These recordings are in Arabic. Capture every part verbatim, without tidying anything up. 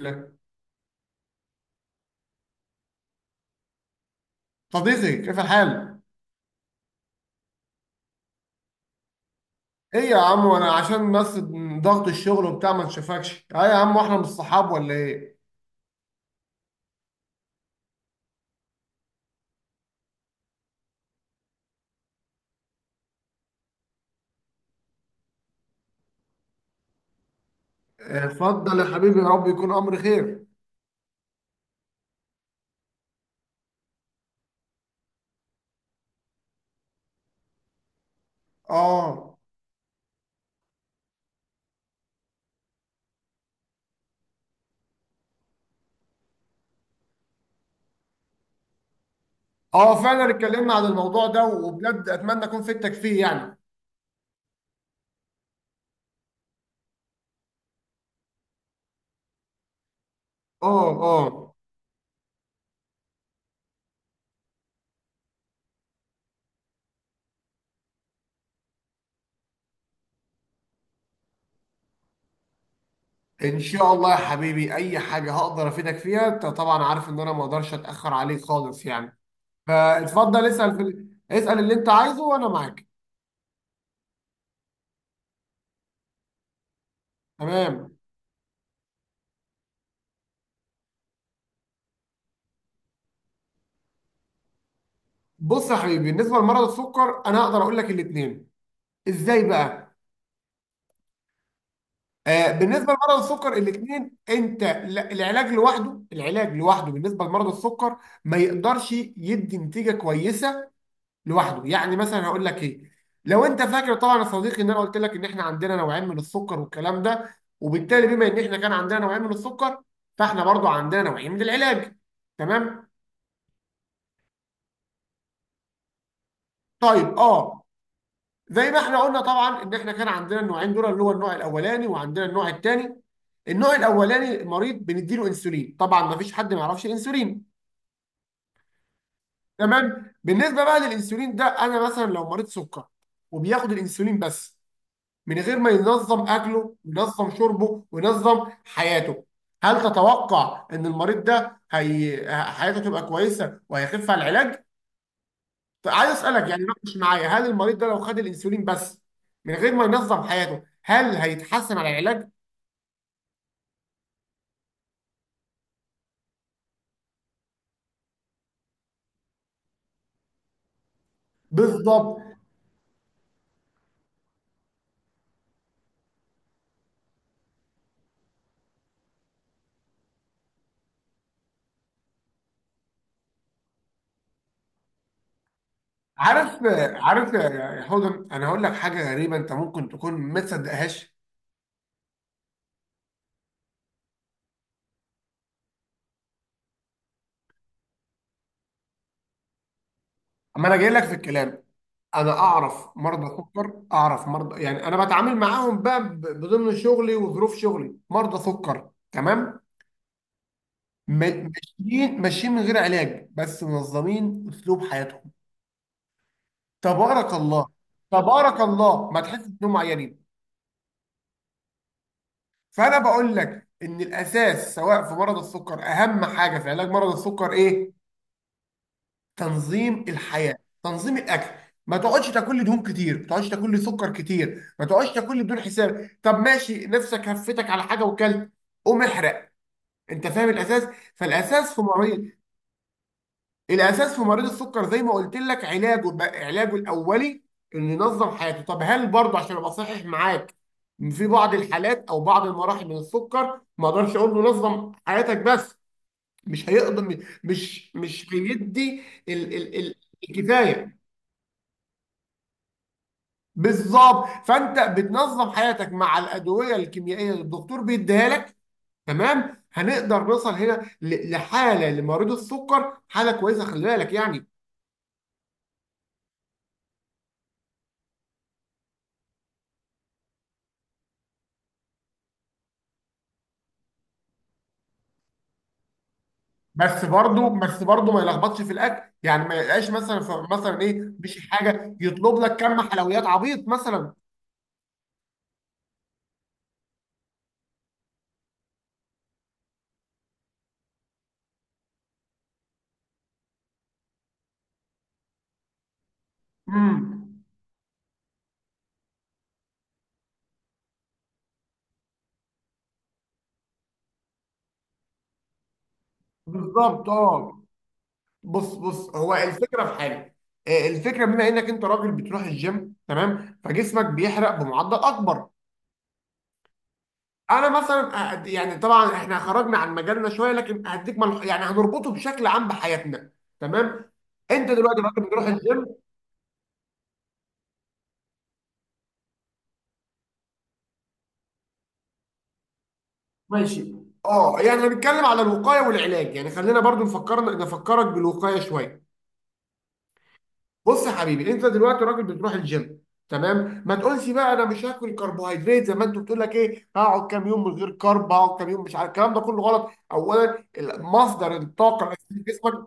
لك صديقي، كيف الحال؟ ايه يا عم، وانا عشان بس ضغط الشغل وبتاع ما نشوفكش. اه يا عم، واحنا مش صحاب ولا ايه؟ آه، اتفضل يا حبيبي، يا رب يكون امر خير. اه اه فعلا اتكلمنا عن الموضوع ده، وبجد اتمنى اكون فدتك فيه يعني. اه اه ان شاء الله يا حبيبي، اي حاجه هقدر افيدك فيها. انت طبعا عارف ان انا ما اقدرش اتاخر عليك خالص يعني. فاتفضل اسال في ال- اسال اللي انت عايزه وانا معاك. تمام، بص يا حبيبي، بالنسبه لمرض السكر انا هقدر اقول لك الاثنين. ازاي بقى؟ آه، بالنسبه لمرض السكر الاثنين. انت لا- العلاج لوحده، العلاج لوحده بالنسبه لمرض السكر ما يقدرش يدي نتيجه كويسه لوحده. يعني مثلا هقول لك ايه، لو انت فاكر طبعا يا صديقي ان انا قلت لك ان احنا عندنا نوعين من السكر والكلام ده، وبالتالي بما ان احنا كان عندنا نوعين من السكر، فاحنا برضو عندنا نوعين من العلاج. تمام، طيب اه. زي ما احنا قلنا طبعا ان احنا كان عندنا النوعين دول، اللي هو النوع الاولاني وعندنا النوع الثاني. النوع الاولاني مريض بنديله انسولين، طبعا ما فيش حد ما يعرفش الانسولين. تمام، بالنسبه بقى للانسولين ده، انا مثلا لو مريض سكر وبياخد الانسولين بس، من غير ما ينظم اكله وينظم شربه وينظم حياته، هل تتوقع ان المريض ده هي... حياته تبقى كويسه وهيخف على العلاج؟ عايز اسالك يعني، ناقش معايا، هل المريض ده لو خد الانسولين بس من غير ما ينظم حياته هل هيتحسن على العلاج؟ بالظبط. عارف، عارف يا حودم، انا هقول لك حاجه غريبه انت ممكن تكون ما تصدقهاش. اما انا جاي لك في الكلام، انا اعرف مرضى سكر، اعرف مرضى، يعني انا بتعامل معاهم بقى ب- بضمن شغلي وظروف شغلي مرضى سكر. تمام، م- ماشيين ماشيين من غير علاج، بس منظمين اسلوب حياتهم. تبارك الله، تبارك الله، ما تحسش انهم عيانين. فانا بقول لك ان الاساس سواء في مرض السكر، اهم حاجه في علاج مرض السكر ايه؟ تنظيم الحياه، تنظيم الاكل. ما تقعدش تاكل لي دهون كتير، ما تقعدش تاكل لي سكر كتير، ما تقعدش تاكل لي بدون حساب. طب ماشي، نفسك هفتك على حاجه وكلت، قوم احرق. انت فاهم الاساس؟ فالاساس في مريض الاساس في مريض السكر، زي ما قلت لك، علاجه بقى- علاجه الاولي انه ينظم حياته. طب هل برضه، عشان ابقى صحيح معاك، في بعض الحالات او بعض المراحل من السكر ما اقدرش اقول له نظم حياتك بس، مش هيقدر، مش مش هيدي ال ال ال الكفايه. بالظبط، فانت بتنظم حياتك مع الادويه الكيميائيه اللي الدكتور بيديها لك. تمام، هنقدر نوصل هنا ل- لحاله لمريض السكر حاله كويسه، خلي بالك يعني. بس برضه، بس برضه ما يلخبطش في الاكل، يعني ما يلقاش مثلا ف- مثلا ايه، مش حاجه يطلب لك كم حلويات عبيط مثلا. امم، بالظبط اه. بص بص هو الفكره في حاجه، آه، الفكره بما انك انت راجل بتروح الجيم، تمام، فجسمك بيحرق بمعدل اكبر. انا مثلا، أ- يعني طبعا احنا خرجنا عن مجالنا شويه، لكن هديك مل... يعني هنربطه بشكل عام بحياتنا. تمام، انت دلوقتي راجل بتروح الجيم. ماشي، اه يعني هنتكلم على الوقايه والعلاج، يعني خلينا برضو نفكر، نفكرك بالوقايه شويه. بص يا حبيبي، انت دلوقتي راجل بتروح الجيم، تمام. ما تقولش بقى انا مش هاكل كربوهيدرات زي ما انت بتقول لك ايه، هقعد كام يوم من غير كرب، هقعد كام يوم مش عارف، الكلام ده كله غلط. اولا ال- مصدر الطاقه الاساسي في جسمك،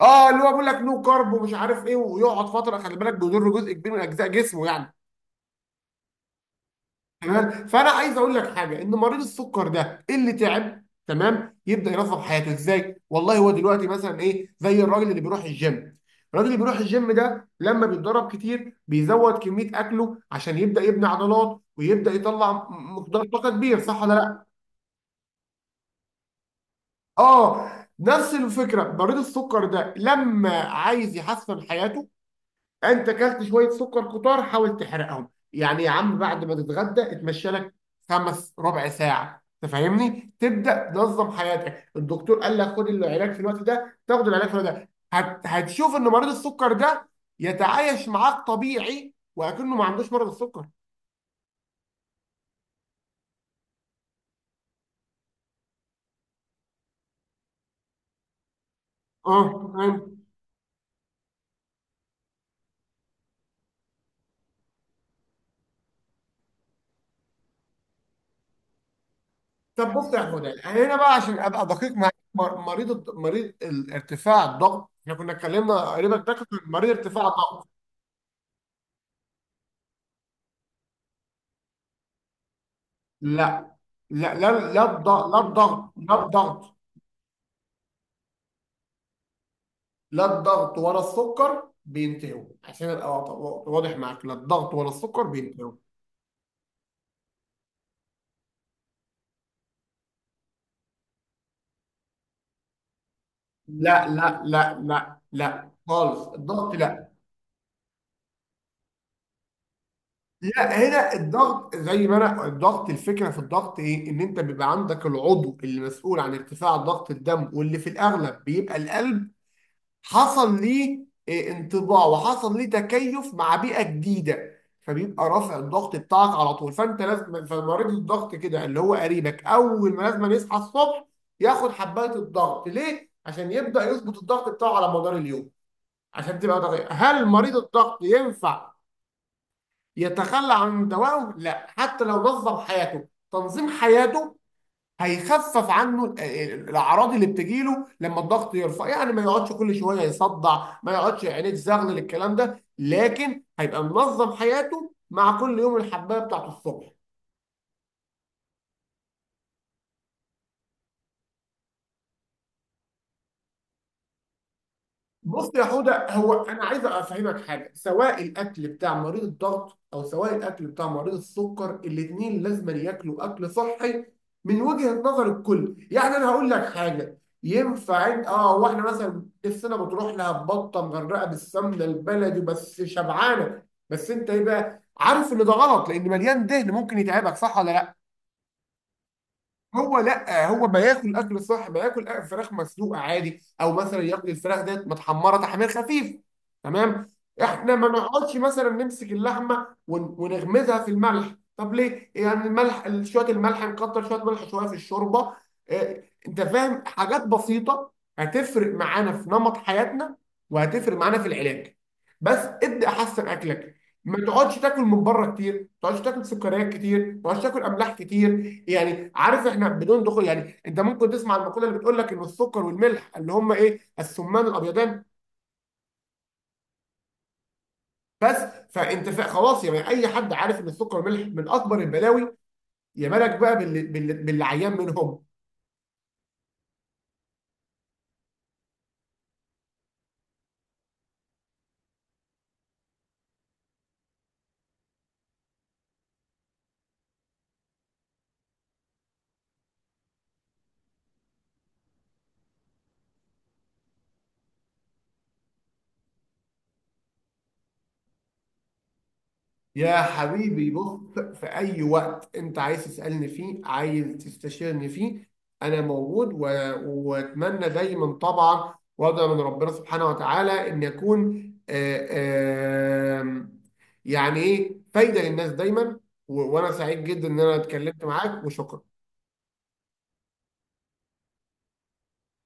اه، اللي هو بيقول لك نو كرب ومش عارف ايه، ويقعد فتره، خلي بالك بيضر جزء كبير من اجزاء جسمه يعني. تمام، فانا عايز اقول لك حاجه، ان مريض السكر ده اللي تعب، تمام، يبدا ينظم حياته ازاي. والله هو دلوقتي مثلا ايه، زي الراجل اللي بيروح الجيم. الراجل اللي بيروح الجيم ده لما بيتدرب كتير بيزود كميه اكله عشان يبدا يبني عضلات، ويبدا يطلع م- مقدار طاقه كبير، صح ولا لا؟ اه، نفس الفكره. مريض السكر ده لما عايز يحسن حياته، انت اكلت شويه سكر كتار، حاول تحرقهم يعني يا عم. بعد ما تتغدى اتمشى لك خمس ربع ساعه، انت فاهمني، تبدا تنظم حياتك. الدكتور قال لك خد العلاج في الوقت ده، تاخد العلاج في الوقت ده، هت... هتشوف ان مريض السكر ده يتعايش معاك طبيعي وكأنه ما عندوش مرض السكر. اه فاهم. طب بص يا هدى، هنا بقى عشان ابقى دقيق معاك، مر- مريض الض- مريض ال- ارتفاع الضغط، احنا كنا اتكلمنا قريبا، ده كان مريض ارتفاع الضغط. لا. لا لا لا الضغط، لا الضغط، لا الضغط، لا الضغط ولا السكر بينتهوا. عشان ابقى وا- واضح معاك، لا الضغط ولا السكر بينتهوا. لا لا لا لا لا خالص، الضغط لا. لا، هنا الضغط زي ما انا، الضغط، الفكره في الضغط ايه، ان انت بيبقى عندك العضو اللي مسؤول عن ارتفاع ضغط الدم، واللي في الاغلب بيبقى القلب، حصل ليه آه، انطباع، وحصل ليه تكيف مع بيئة جديدة، فبيبقى رافع الضغط بتاعك على طول. فانت لازم، فمريض الضغط كده اللي هو قريبك، اول ما لازم يصحى الصبح ياخد حباية الضغط، ليه؟ عشان يبدأ يظبط الضغط بتاعه على مدار اليوم. عشان تبقى دقيقة، هل مريض الضغط ينفع يتخلى عن دوائه؟ لا، حتى لو نظم حياته، تنظيم حياته هيخفف عنه ال- ال- الاعراض اللي بتجيله لما الضغط يرفع، يعني ما يقعدش كل شويه يصدع، ما يقعدش عينيه تزغلل، الكلام ده، لكن هيبقى منظم حياته مع كل يوم الحبايه بتاعته الصبح. بص يا حوده، هو انا عايز افهمك حاجه، سواء الاكل بتاع مريض الضغط او سواء الاكل بتاع مريض السكر، الاثنين لازم ياكلوا اكل صحي من وجهه نظر الكل. يعني انا هقول لك حاجه، ينفع إن- اه، واحنا مثلا نفسنا بتروح لها بطه مغرقه بالسمنه البلدي بس شبعانه؟ بس انت ايه بقى، عارف ان ده غلط لان مليان دهن، ممكن يتعبك، صح ولا لا؟ هو لا، هو ما ياكل اكل صح، ما ياكل أكل فراخ مسلوقه عادي، او مثلا ياكل الفراخ ديت متحمره تحمير خفيف. تمام، احنا ما نقعدش مثلا نمسك اللحمه ون- ونغمزها في الملح، طب ليه يعني؟ الملح شويه، الملح نكتر شويه ملح شويه في الشوربه. اه، انت فاهم، حاجات بسيطه هتفرق معانا في نمط حياتنا وهتفرق معانا في العلاج. بس ابدا احسن اكلك، ما تقعدش تاكل من بره كتير، ما تقعدش تاكل سكريات كتير، ما تقعدش تاكل املاح كتير. يعني عارف، احنا بدون دخول يعني، انت ممكن تسمع المقوله اللي بتقول لك ان السكر والملح اللي هم ايه؟ السمان الابيضان بس. فانت فا- خلاص يعني، اي حد عارف ان السكر والملح من اكبر البلاوي، يا بالك بقى باللي, باللي, باللي عيان منهم. يا حبيبي بص، في أي وقت أنت عايز تسألني فيه، عايز تستشيرني فيه، أنا موجود. و... وأتمنى دايما طبعا، وأدعو من ربنا سبحانه وتعالى إن أكون، آه، آه، يعني إيه، فايدة للناس دايما. و... وأنا سعيد جدا إن أنا اتكلمت معاك، وشكرا.